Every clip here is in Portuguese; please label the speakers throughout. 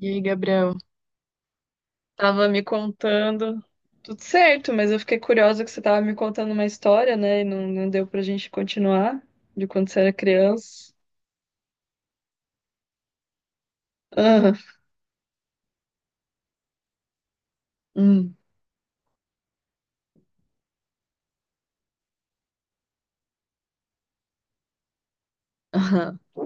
Speaker 1: E aí, Gabriel? Tava me contando. Tudo certo, mas eu fiquei curiosa que você tava me contando uma história, né? E não deu pra gente continuar de quando você era criança. Ah, hum, ah,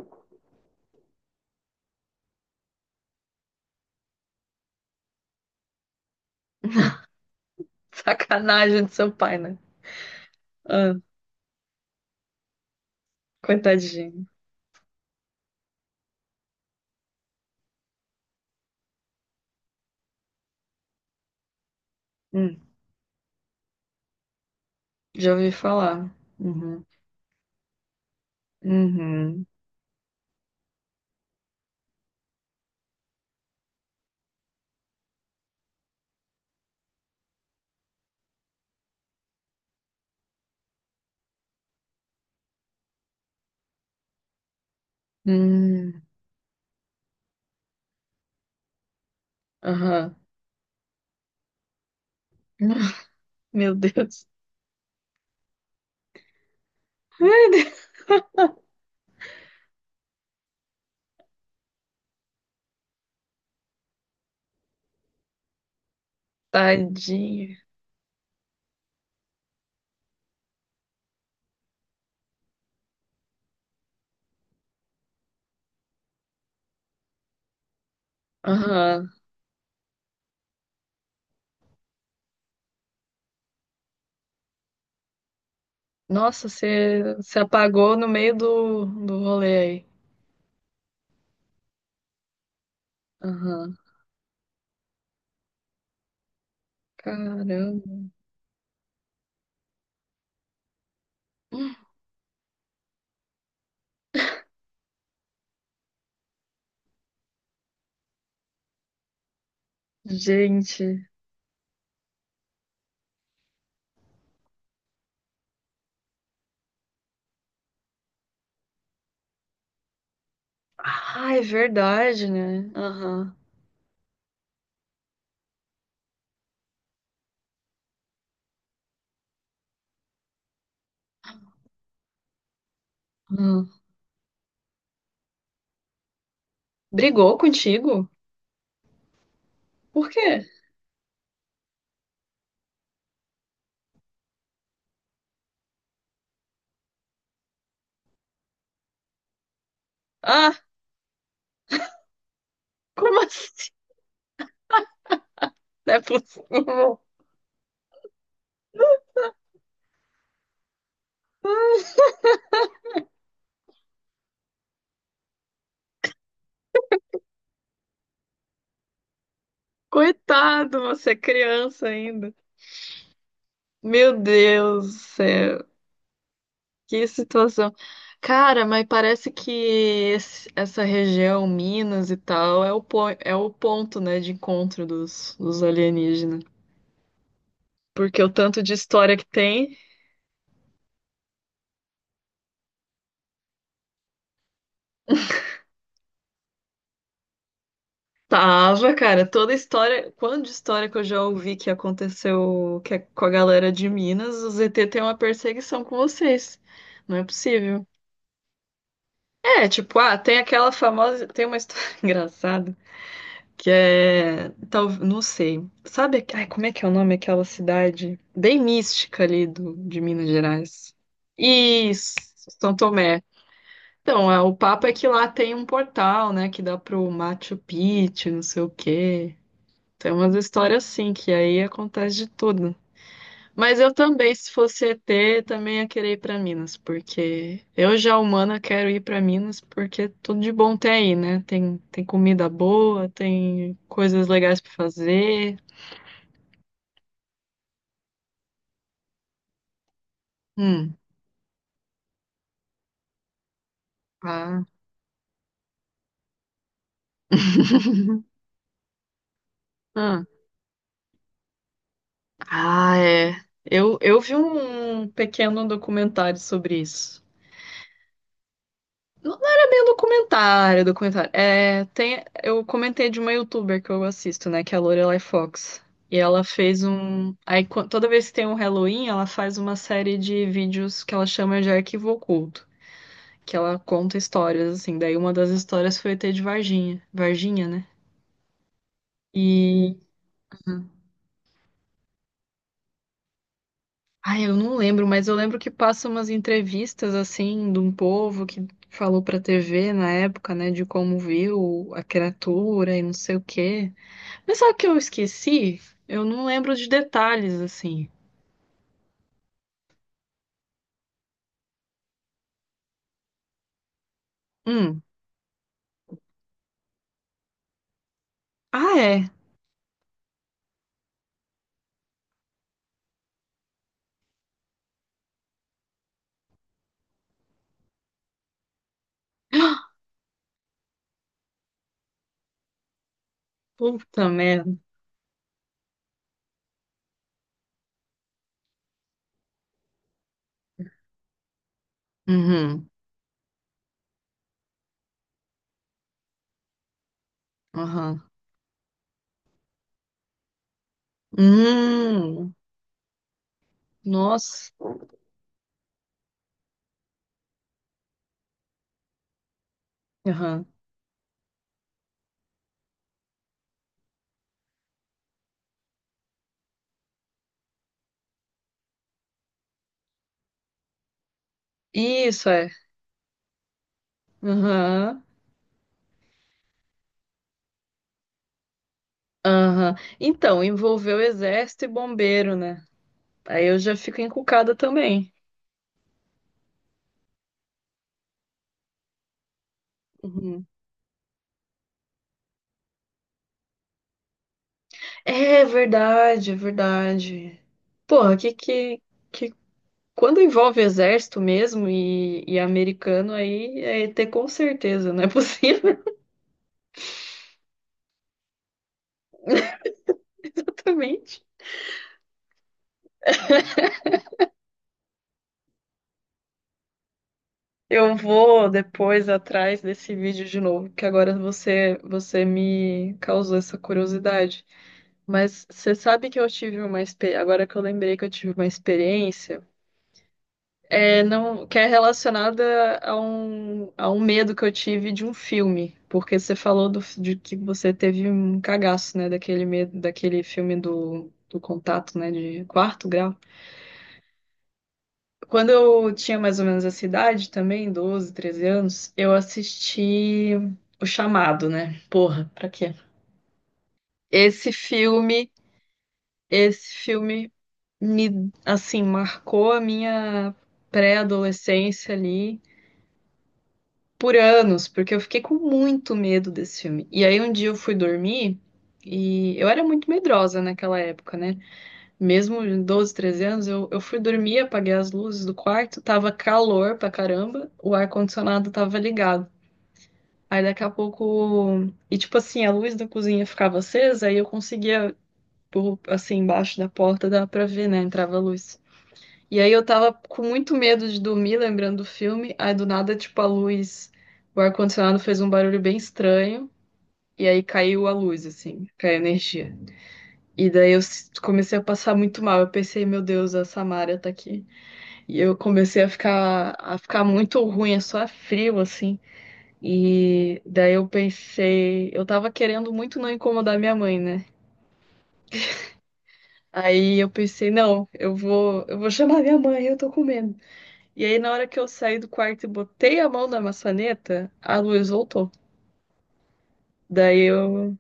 Speaker 1: sacanagem do seu pai, né? Ah, coitadinho. Hum, já ouvi falar. Uhum. Uhum. Hum, aham. Meu Deus. Tadinho. Aham. Nossa, você se apagou no meio do rolê aí. Aham. Caramba. Gente. Ah, é verdade, né? Aham. Hum. Brigou contigo? Por quê? Ah, como assim? Não é possível. Coitado, você é criança ainda. Meu Deus do céu. Que situação. Cara, mas parece que essa região, Minas e tal, é é o ponto, né, de encontro dos alienígenas. Porque o tanto de história que tem. Tava, cara, toda história, quando de história que eu já ouvi que aconteceu que é com a galera de Minas, o ZT tem uma perseguição com vocês. Não é possível. É, tipo, ah, tem aquela famosa, tem uma história engraçada que é, tal, não sei. Sabe, ai, como é que é o nome daquela cidade bem mística ali de Minas Gerais? Isso, São Tomé. Então, é, o papo é que lá tem um portal, né, que dá pro Machu Picchu, não sei o quê. Tem umas histórias assim, que aí acontece de tudo. Mas eu também, se fosse E T, também ia querer ir pra Minas, porque eu já humana quero ir pra Minas, porque tudo de bom tem aí, né? Tem, tem comida boa, tem coisas legais pra fazer. Hum, ah. Ah, ah, é. Eu vi um pequeno documentário sobre isso. Não era bem um documentário, documentário. É, tem, eu comentei de uma youtuber que eu assisto, né, que é a Lorelai Fox. E ela fez um. Aí, toda vez que tem um Halloween, ela faz uma série de vídeos que ela chama de arquivo oculto, que ela conta histórias, assim. Daí uma das histórias foi o ET de Varginha, Varginha, né? E. Ai, eu não lembro, mas eu lembro que passam umas entrevistas, assim, de um povo que falou pra TV na época, né, de como viu a criatura e não sei o quê. Mas sabe o que eu esqueci? Eu não lembro de detalhes, assim. Hum. Ah, é. Puta merda. Uhum. Aham. Hum. Nossa. Aham. Isso é. Aham. Aham. Então, envolveu exército e bombeiro, né? Aí eu já fico encucada também. Uhum. É verdade, é verdade. Porra, que quando envolve exército mesmo e americano, aí é ET com certeza, não é possível. Exatamente. Eu vou depois atrás desse vídeo de novo, que agora você me causou essa curiosidade. Mas você sabe que eu tive uma experiência, agora que eu lembrei que eu tive uma experiência, não que é relacionada a um medo que eu tive de um filme, porque você falou de que você teve um cagaço, né, daquele medo, daquele filme do contato, né, de quarto grau. Quando eu tinha mais ou menos essa idade também, 12, 13 anos, eu assisti O Chamado, né? Porra, pra quê? Esse filme, esse filme me, assim, marcou a minha pré-adolescência ali por anos, porque eu fiquei com muito medo desse filme. E aí um dia eu fui dormir e eu era muito medrosa naquela época, né? Mesmo em 12, 13 anos, eu fui dormir, apaguei as luzes do quarto, tava calor pra caramba, o ar-condicionado tava ligado. Aí daqui a pouco. E tipo assim, a luz da cozinha ficava acesa, aí eu conseguia, assim, embaixo da porta, dava pra ver, né? Entrava a luz. E aí eu tava com muito medo de dormir, lembrando do filme, aí do nada, tipo, a luz. O ar-condicionado fez um barulho bem estranho, e aí caiu a luz, assim, caiu a energia. E daí comecei a passar muito mal. Eu pensei, meu Deus, a Samara tá aqui. E eu comecei a ficar muito ruim, é só frio, assim. E daí eu pensei, eu tava querendo muito não incomodar minha mãe, né? Aí eu pensei, não, eu vou chamar minha mãe, eu tô com medo. E aí na hora que eu saí do quarto e botei a mão na maçaneta, a luz voltou. Daí eu,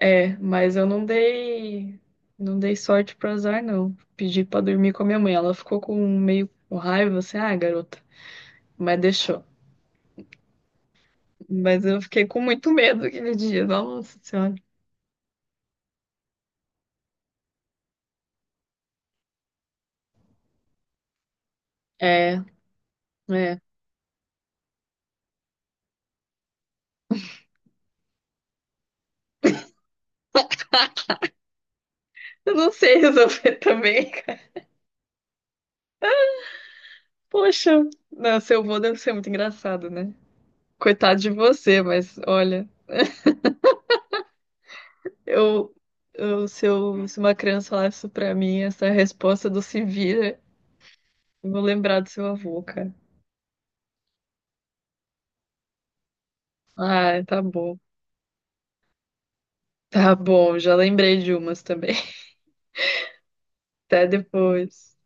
Speaker 1: é, mas eu não dei, não dei sorte pro azar, não. Pedi pra dormir com a minha mãe, ela ficou com meio com raiva, assim, ah, garota, mas deixou. Mas eu fiquei com muito medo aquele dia. Nossa Senhora. É, é. Eu não sei resolver também, cara. Poxa, não, seu avô deve ser muito engraçado, né? Coitado de você, mas olha, eu, se uma criança falar isso pra mim, essa resposta do se vira, eu vou lembrar do seu avô, cara. Ah, tá bom. Tá bom, já lembrei de umas também. Até depois.